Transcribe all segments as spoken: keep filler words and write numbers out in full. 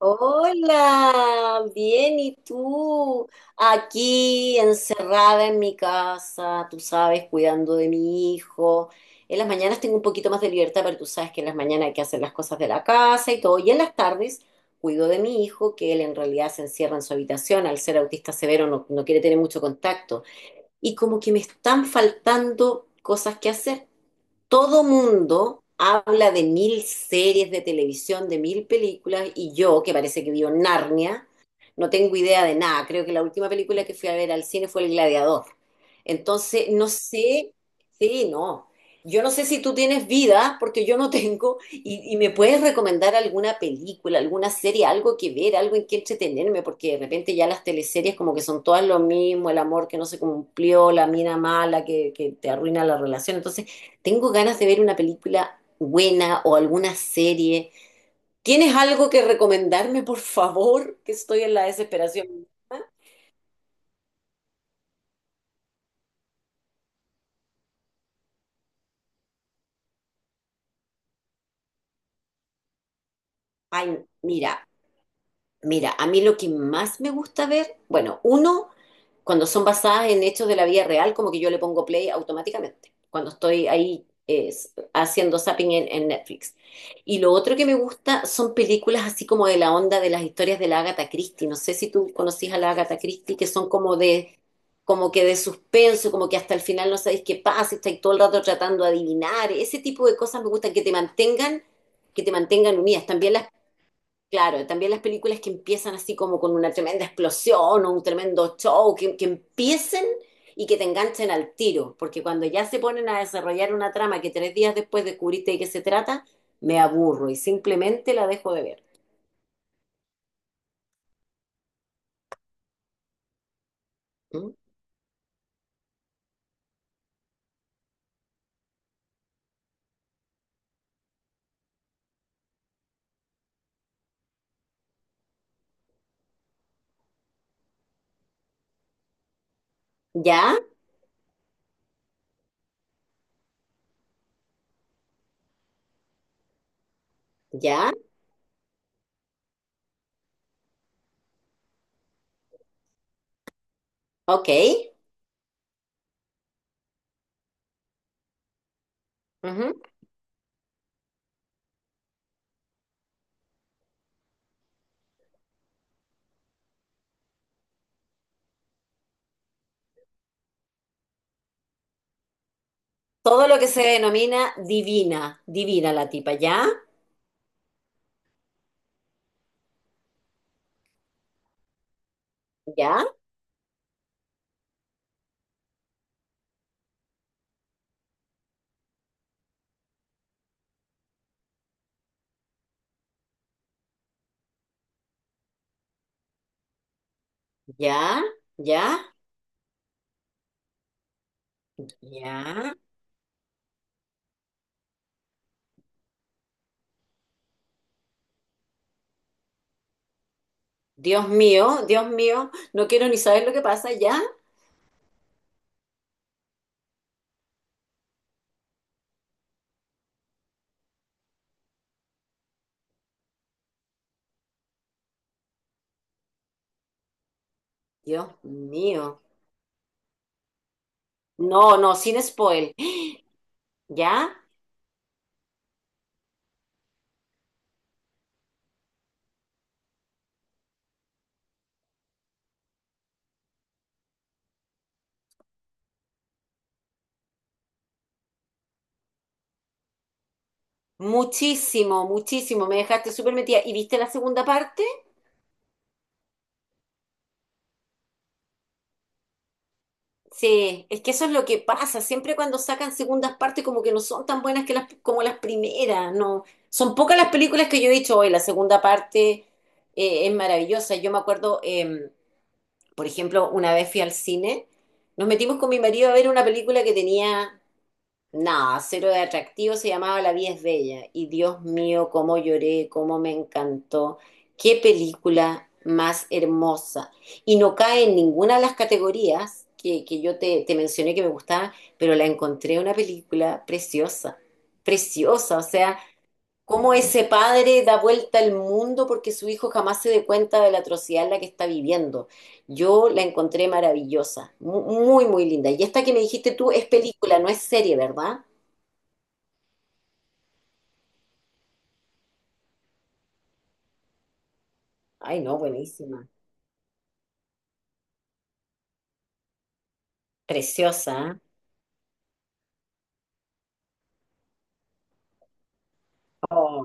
Hola, bien, ¿y tú? Aquí encerrada en mi casa, tú sabes, cuidando de mi hijo. En las mañanas tengo un poquito más de libertad, pero tú sabes que en las mañanas hay que hacer las cosas de la casa y todo. Y en las tardes cuido de mi hijo, que él en realidad se encierra en su habitación, al ser autista severo no, no quiere tener mucho contacto. Y como que me están faltando cosas que hacer. Todo mundo habla de mil series de televisión, de mil películas, y yo, que parece que vio Narnia, no tengo idea de nada. Creo que la última película que fui a ver al cine fue El Gladiador. Entonces, no sé, sí, no. Yo no sé si tú tienes vida, porque yo no tengo, y, y me puedes recomendar alguna película, alguna serie, algo que ver, algo en que entretenerme, porque de repente ya las teleseries como que son todas lo mismo, el amor que no se cumplió, la mina mala que, que te arruina la relación. Entonces, tengo ganas de ver una película buena o alguna serie. ¿Tienes algo que recomendarme, por favor? Que estoy en la desesperación. Ah, ay, mira, Mira, a mí lo que más me gusta ver, bueno, uno, cuando son basadas en hechos de la vida real, como que yo le pongo play automáticamente, cuando estoy ahí eh, haciendo zapping en, en Netflix. Y lo otro que me gusta son películas así como de la onda de las historias de la Agatha Christie. No sé si tú conocís a la Agatha Christie, que son como de, como que de suspenso, como que hasta el final no sabéis qué pasa, y estáis todo el rato tratando de adivinar. Ese tipo de cosas me gustan, que te mantengan, que te mantengan unidas. También las Claro, también las películas que empiezan así como con una tremenda explosión o un tremendo show, que, que empiecen y que te enganchen al tiro, porque cuando ya se ponen a desarrollar una trama que tres días después descubriste de qué se trata, me aburro y simplemente la dejo de ver. ¿Mm? ¿Ya? ¿Ya? Ok. Ujú. Todo lo que se denomina divina, divina la tipa, ¿ya? ¿Ya? ¿Ya? ¿Ya? ¿Ya? Dios mío, Dios mío, no quiero ni saber lo que pasa, ¿ya? Dios mío. No, no, sin spoil. ¿Ya? Muchísimo, muchísimo. Me dejaste súper metida. ¿Y viste la segunda parte? Sí, es que eso es lo que pasa. Siempre cuando sacan segundas partes, como que no son tan buenas que las, como las primeras, ¿no? Son pocas las películas que yo he dicho hoy. La segunda parte eh, es maravillosa. Yo me acuerdo, eh, por ejemplo, una vez fui al cine, nos metimos con mi marido a ver una película que tenía nada, cero de atractivo, se llamaba La vida es bella. Y Dios mío, cómo lloré, cómo me encantó. Qué película más hermosa. Y no cae en ninguna de las categorías que, que yo te, te mencioné que me gustaba, pero la encontré una película preciosa, preciosa. O sea, cómo ese padre da vuelta al mundo porque su hijo jamás se dé cuenta de la atrocidad en la que está viviendo. Yo la encontré maravillosa, mu- muy, muy linda. Y esta que me dijiste tú es película, no es serie, ¿verdad? Ay, no, buenísima. Preciosa. ¿Eh? Oh,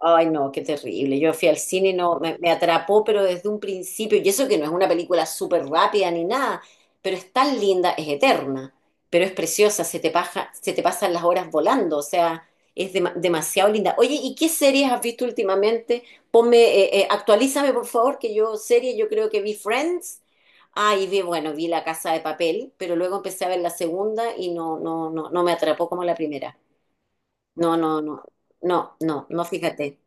ay, no, qué terrible. Yo fui al cine y no, me, me atrapó, pero desde un principio. Y eso que no es una película súper rápida ni nada, pero es tan linda, es eterna, pero es preciosa, se te paja, se te pasan las horas volando, o sea, es dema- demasiado linda. Oye, ¿y qué series has visto últimamente? Ponme, eh, eh, actualízame, por favor, que yo serie, yo creo que vi Friends. Ah, y vi, bueno, vi La Casa de Papel, pero luego empecé a ver la segunda y no, no, no, no me atrapó como la primera. No, no, no, no, no, no, fíjate.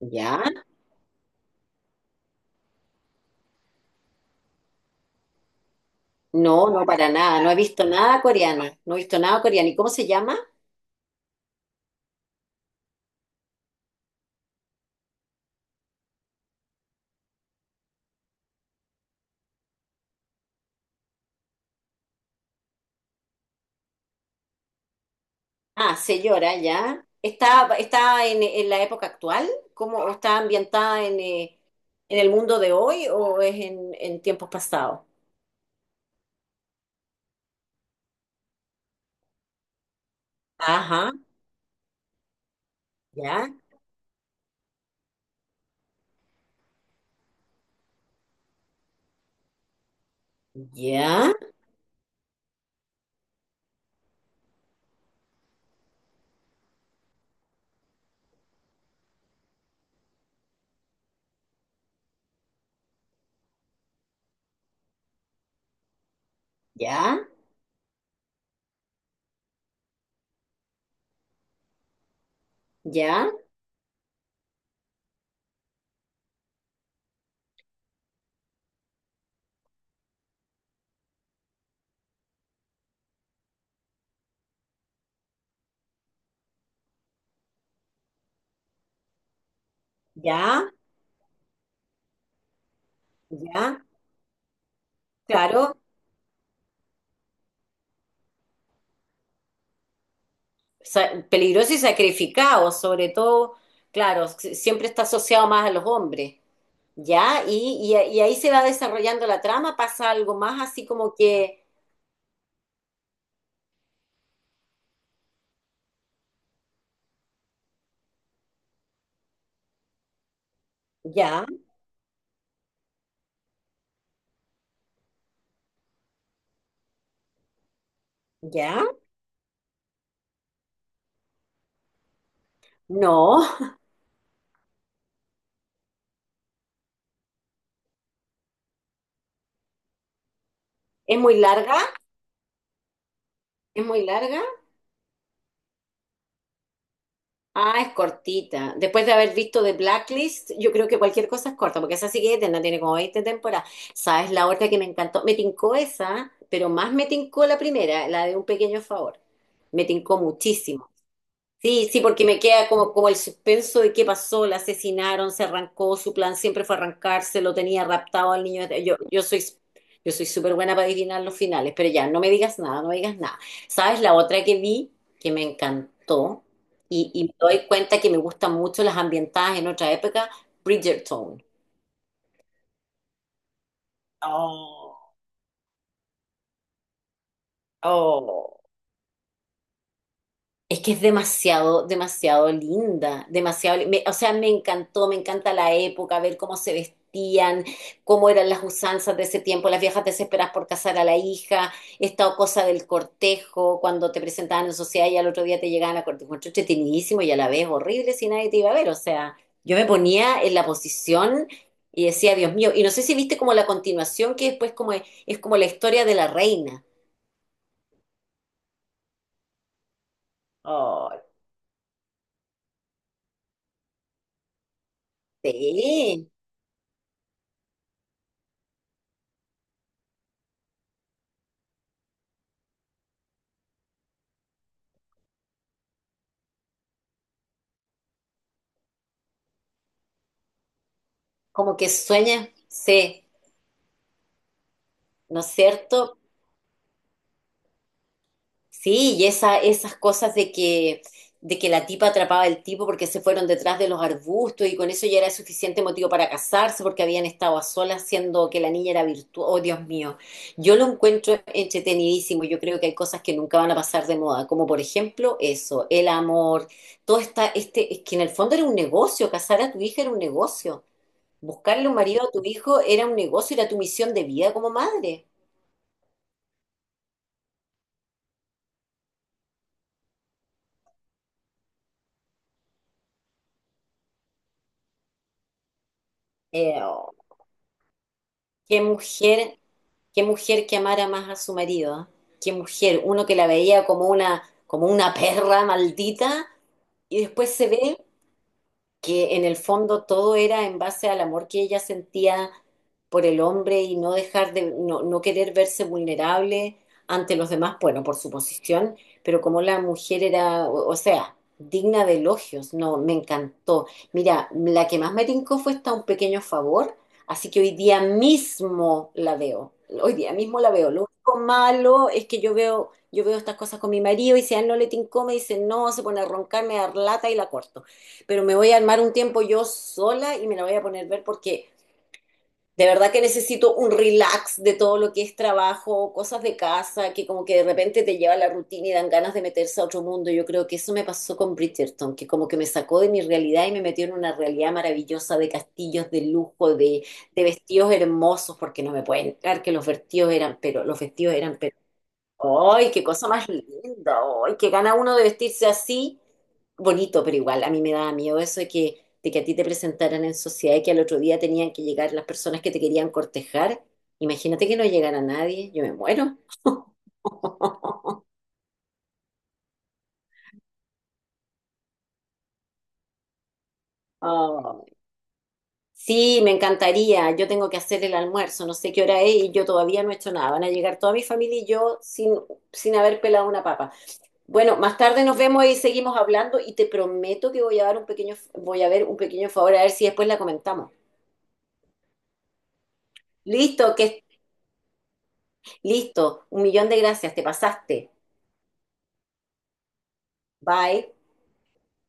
¿Ya? No, no, para nada. No he visto nada coreano. No he visto nada coreano. ¿Y cómo se llama? Ah, señora, ya. ¿Está, está en, en la época actual? ¿Cómo o está ambientada en, eh, en el mundo de hoy o es en, en tiempos pasados? Ajá, ya, ya, ya, ya, ya, ya. Claro, sa- peligroso y sacrificado, sobre todo, claro, si- siempre está asociado más a los hombres. Ya, y, y, y ahí se va desarrollando la trama, pasa algo más así como que, ya, ya, no, es muy larga, es muy larga. Ah, es cortita. Después de haber visto The Blacklist, yo creo que cualquier cosa es corta, porque esa sí que eterna, tiene como veinte temporadas. ¿Sabes la otra que me encantó? Me tincó esa, pero más me tincó la primera, la de Un Pequeño Favor. Me tincó muchísimo. Sí, sí, porque me queda como, como el suspenso de qué pasó, la asesinaron, se arrancó, su plan siempre fue arrancarse, lo tenía raptado al niño. Yo, yo soy, yo soy súper buena para adivinar los finales, pero ya, no me digas nada, no me digas nada. ¿Sabes? La otra que vi, que me encantó, y, y me doy cuenta que me gustan mucho las ambientadas en otra época, Bridgerton. Oh, oh. Es que es demasiado, demasiado linda, demasiado, li- me- o sea, me encantó, me encanta la época, ver cómo se vestían, cómo eran las usanzas de ese tiempo, las viejas desesperadas por casar a la hija, esta cosa del cortejo, cuando te presentaban en sociedad y al otro día te llegaban a cortejo, encuentro entretenidísimo y a la vez horrible si nadie te iba a ver, o sea, yo me ponía en la posición y decía, Dios mío, y no sé si viste como la continuación que después como es, es como la historia de la reina. Oh, sí, como que sueña, sí. ¿No es cierto? Sí, y esa, esas cosas de que, de que la tipa atrapaba al tipo porque se fueron detrás de los arbustos y con eso ya era suficiente motivo para casarse porque habían estado a solas siendo que la niña era virtuosa. Oh, Dios mío, yo lo encuentro entretenidísimo. Yo creo que hay cosas que nunca van a pasar de moda, como por ejemplo eso, el amor, todo está, este, es que en el fondo era un negocio, casar a tu hija era un negocio, buscarle un marido a tu hijo era un negocio, era tu misión de vida como madre. Eh, oh, qué mujer. Qué mujer que amara más a su marido. ¿Eh? Qué mujer. Uno que la veía como una, como una, perra maldita y después se ve que en el fondo todo era en base al amor que ella sentía por el hombre y no dejar de, no, no querer verse vulnerable ante los demás, bueno, por su posición, pero como la mujer era, o, o sea, digna de elogios, no, me encantó. Mira, la que más me tincó fue esta Un Pequeño Favor, así que hoy día mismo la veo, hoy día mismo la veo. Lo único malo es que yo veo... Yo veo estas cosas con mi marido y si a él no le tincó, me dice no, se pone a roncar, me da lata y la corto, pero me voy a armar un tiempo yo sola y me la voy a poner a ver porque de verdad que necesito un relax de todo lo que es trabajo, cosas de casa, que como que de repente te lleva a la rutina y dan ganas de meterse a otro mundo. Yo creo que eso me pasó con Bridgerton, que como que me sacó de mi realidad y me metió en una realidad maravillosa de castillos de lujo, de, de vestidos hermosos, porque no me pueden entrar que los vestidos eran, pero los vestidos eran ¡Ay, qué cosa más linda! ¡Ay, que gana uno de vestirse así! Bonito, pero igual, a mí me daba miedo eso de que, de que, a ti te presentaran en sociedad y que al otro día tenían que llegar las personas que te querían cortejar. Imagínate que no llegara nadie, yo me muero. Ah. Sí, me encantaría. Yo tengo que hacer el almuerzo, no sé qué hora es y yo todavía no he hecho nada. Van a llegar toda mi familia y yo sin, sin haber pelado una papa. Bueno, más tarde nos vemos y seguimos hablando y te prometo que voy a dar un pequeño, voy a ver un pequeño favor a ver si después la comentamos. Listo, que listo. Un millón de gracias, te pasaste. Bye.